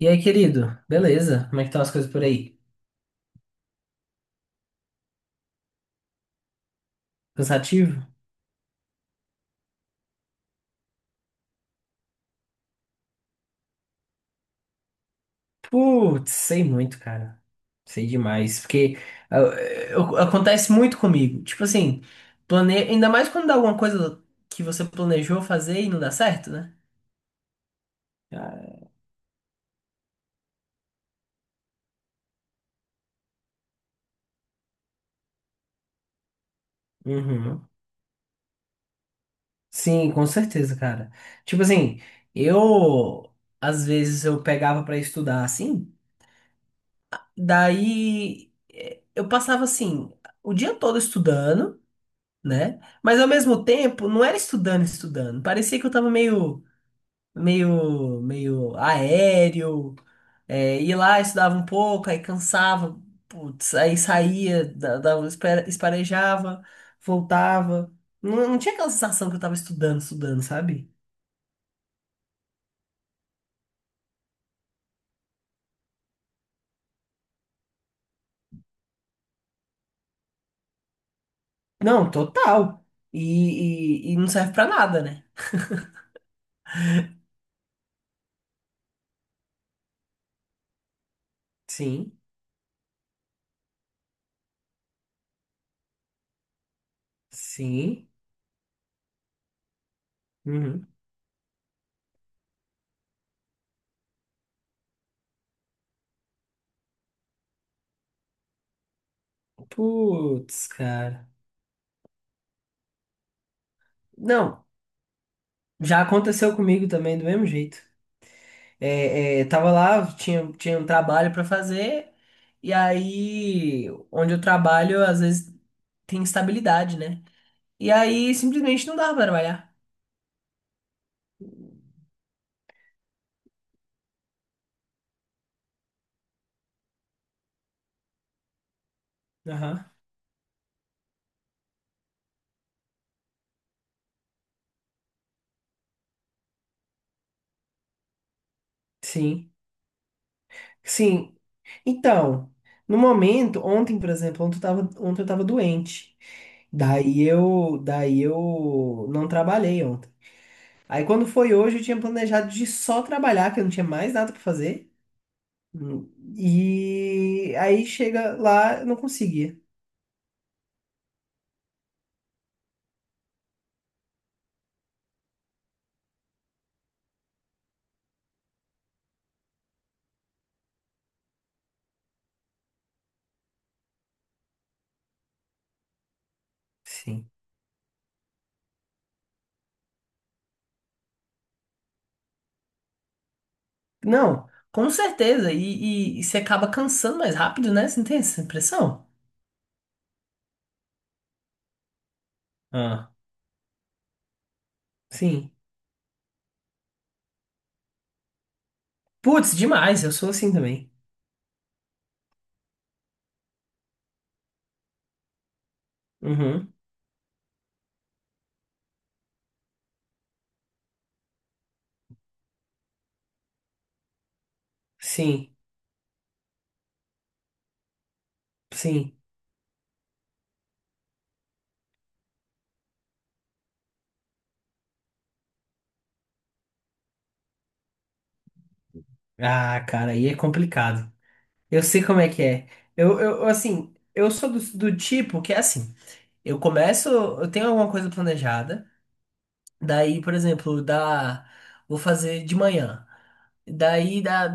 E aí, querido? Beleza? Como é que estão as coisas por aí? Cansativo? Putz, sei muito, cara. Sei demais. Porque ah, acontece muito comigo. Tipo assim, ainda mais quando dá alguma coisa que você planejou fazer e não dá certo, né? Ah, Uhum. Sim, com certeza, cara. Tipo assim, eu às vezes eu pegava pra estudar assim, daí eu passava assim o dia todo estudando, né? Mas ao mesmo tempo, não era estudando, estudando. Parecia que eu tava meio, meio aéreo. É, ia lá, estudava um pouco, aí cansava, putz, aí saía, dava, esparejava, voltava. Não, não tinha aquela sensação que eu tava estudando, estudando, sabe? Não, total. E não serve pra nada, né? Sim, sim. Uhum. Putz, cara. Não, já aconteceu comigo também do mesmo jeito. É, é, tava lá, tinha, tinha um trabalho para fazer, e aí, onde eu trabalho, às vezes tem instabilidade, né? E aí, simplesmente não dava para trabalhar. Aham. Sim, sim. Então, no momento, ontem, por exemplo, ontem eu tava doente. Daí eu não trabalhei ontem. Aí quando foi hoje, eu tinha planejado de só trabalhar, que eu não tinha mais nada pra fazer. Hum, E aí chega lá, eu não conseguia. Sim. Não, com certeza. E você acaba cansando mais rápido, né? Você não tem essa impressão? Ah, sim. Putz, demais. Eu sou assim também. Uhum. Sim, sim. Ah, cara, aí é complicado. Eu sei como é que é. Eu assim, eu sou do, do tipo que é assim. Eu começo, eu tenho alguma coisa planejada. Daí, por exemplo, vou fazer de manhã. Daí,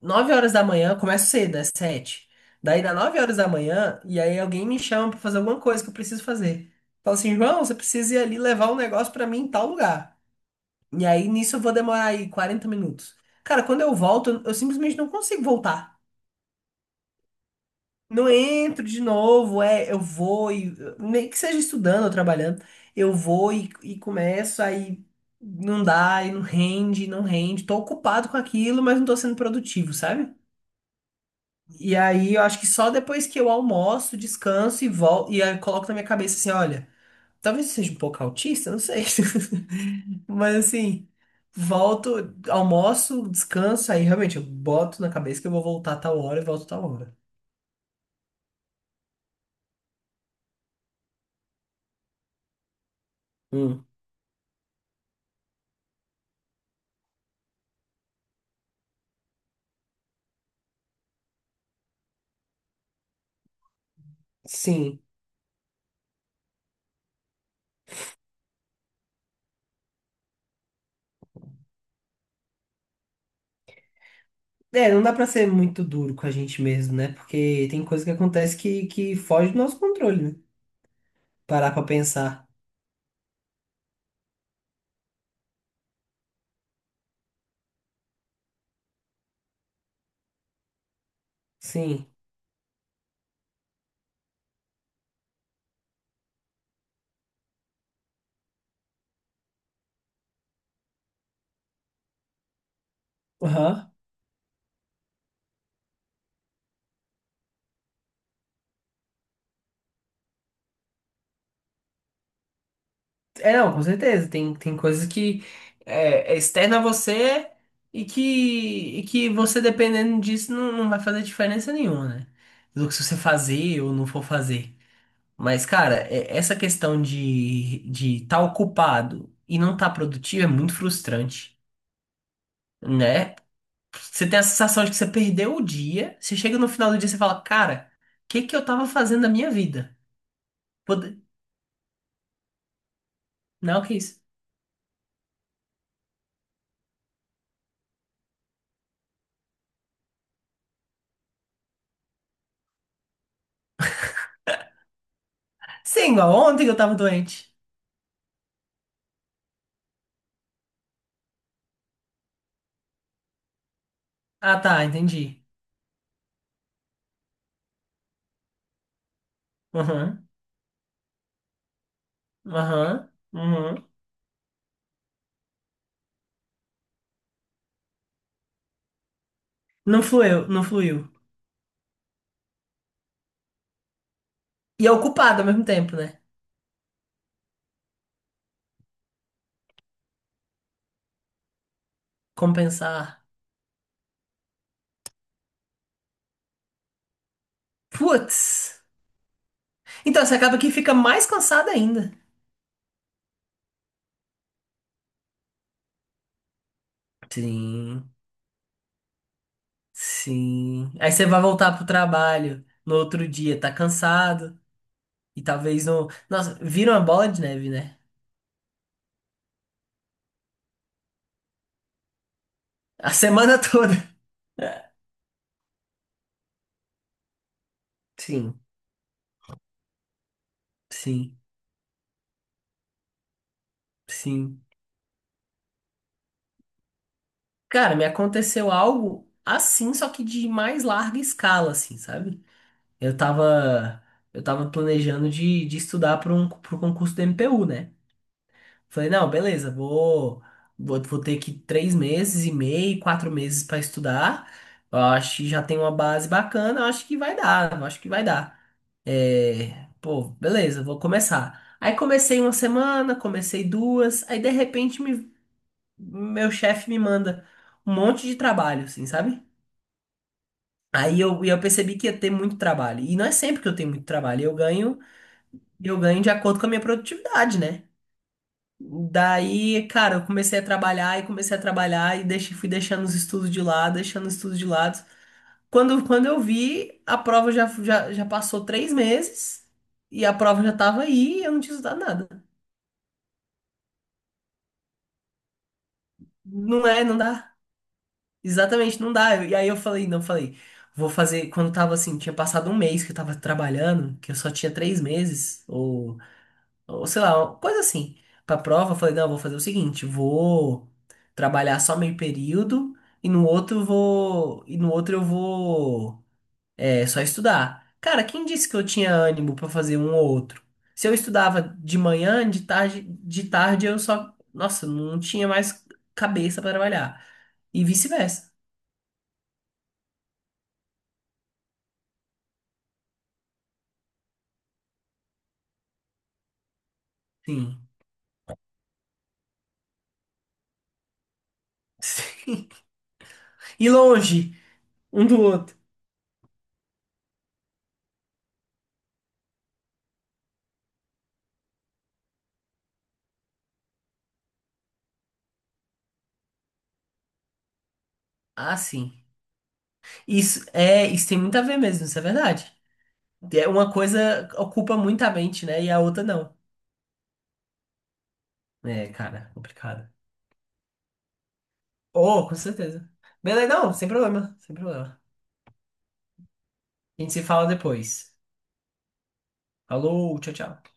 9 horas da manhã, começa cedo, é sete. Daí dá 9 horas da manhã, e aí alguém me chama pra fazer alguma coisa que eu preciso fazer. Fala assim, João, você precisa ir ali levar um negócio pra mim em tal lugar. E aí nisso eu vou demorar aí 40 minutos. Cara, quando eu volto, eu simplesmente não consigo voltar. Não entro de novo, é, eu vou e. Nem que seja estudando ou trabalhando, eu vou e começo, aí não dá, e não rende, não rende. Tô ocupado com aquilo, mas não tô sendo produtivo, sabe? E aí eu acho que só depois que eu almoço, descanso e volto, e aí coloco na minha cabeça assim, olha, talvez eu seja um pouco autista, não sei. Mas assim, volto, almoço, descanso, aí realmente eu boto na cabeça que eu vou voltar tal hora e volto tal hora. Hum, sim. É, não dá pra ser muito duro com a gente mesmo, né? Porque tem coisa que acontece que foge do nosso controle, né? Parar pra pensar. Sim. Aham. É, não, com certeza. Tem, tem coisas que é, é externa a você e que você, dependendo disso, não, não vai fazer diferença nenhuma, né? Do que se você fazer ou não for fazer. Mas, cara, é- essa questão de estar ocupado e não estar produtivo é muito frustrante, né? Você tem a sensação de que você perdeu o dia, você chega no final do dia e você fala, cara, o que que eu tava fazendo da minha vida? Pode- Não, que isso? Sim, igual ontem que eu tava doente. Ah, tá, entendi. Aham, aham, aham. Não fluiu, não fluiu. E é ocupado ao mesmo tempo, né? Compensar. Putz. Então, você acaba que fica mais cansado ainda. Sim, sim. Aí você vai voltar pro trabalho no outro dia, tá cansado. E talvez não. Nossa, vira uma bola de neve, né? A semana toda. Sim, sim, sim. Cara, me aconteceu algo assim, só que de mais larga escala, assim, sabe? Eu tava, eu tava planejando de estudar para um, para concurso do MPU, né? Falei, não, beleza, vou ter que 3 meses e meio, 4 meses para estudar. Eu acho que já tem uma base bacana, eu acho que vai dar, eu acho que vai dar. É, pô, beleza, vou começar. Aí comecei uma semana, comecei duas, aí de repente meu chefe me manda um monte de trabalho, assim, sabe? Aí eu percebi que ia ter muito trabalho. E não é sempre que eu tenho muito trabalho. Eu ganho e eu ganho de acordo com a minha produtividade, né? Daí, cara, eu comecei a trabalhar e comecei a trabalhar e deixei, fui deixando os estudos de lado, deixando os estudos de lado. Quando eu vi, a prova já, já, já passou 3 meses e a prova já tava aí e eu não tinha estudado nada. Não é, não dá. Exatamente, não dá. E aí eu falei, não, falei, vou fazer. Quando tava assim, tinha passado um mês que eu tava trabalhando, que eu só tinha 3 meses, ou sei lá, uma coisa assim. Pra prova, eu falei, não, eu vou fazer o seguinte, vou trabalhar só meio período e no outro eu vou, é, só estudar. Cara, quem disse que eu tinha ânimo pra fazer um ou outro? Se eu estudava de manhã, de tarde eu só, nossa, não tinha mais cabeça pra trabalhar. E vice-versa. Sim. Sim. E longe um do outro. Ah, sim. Isso é, isso tem muito a ver mesmo, isso é verdade. É, uma coisa ocupa muita mente, né? E a outra não. É, cara, complicado. Oh, com certeza. Beleza, não, sem problema, sem problema. A gente se fala depois. Falou, tchau, tchau.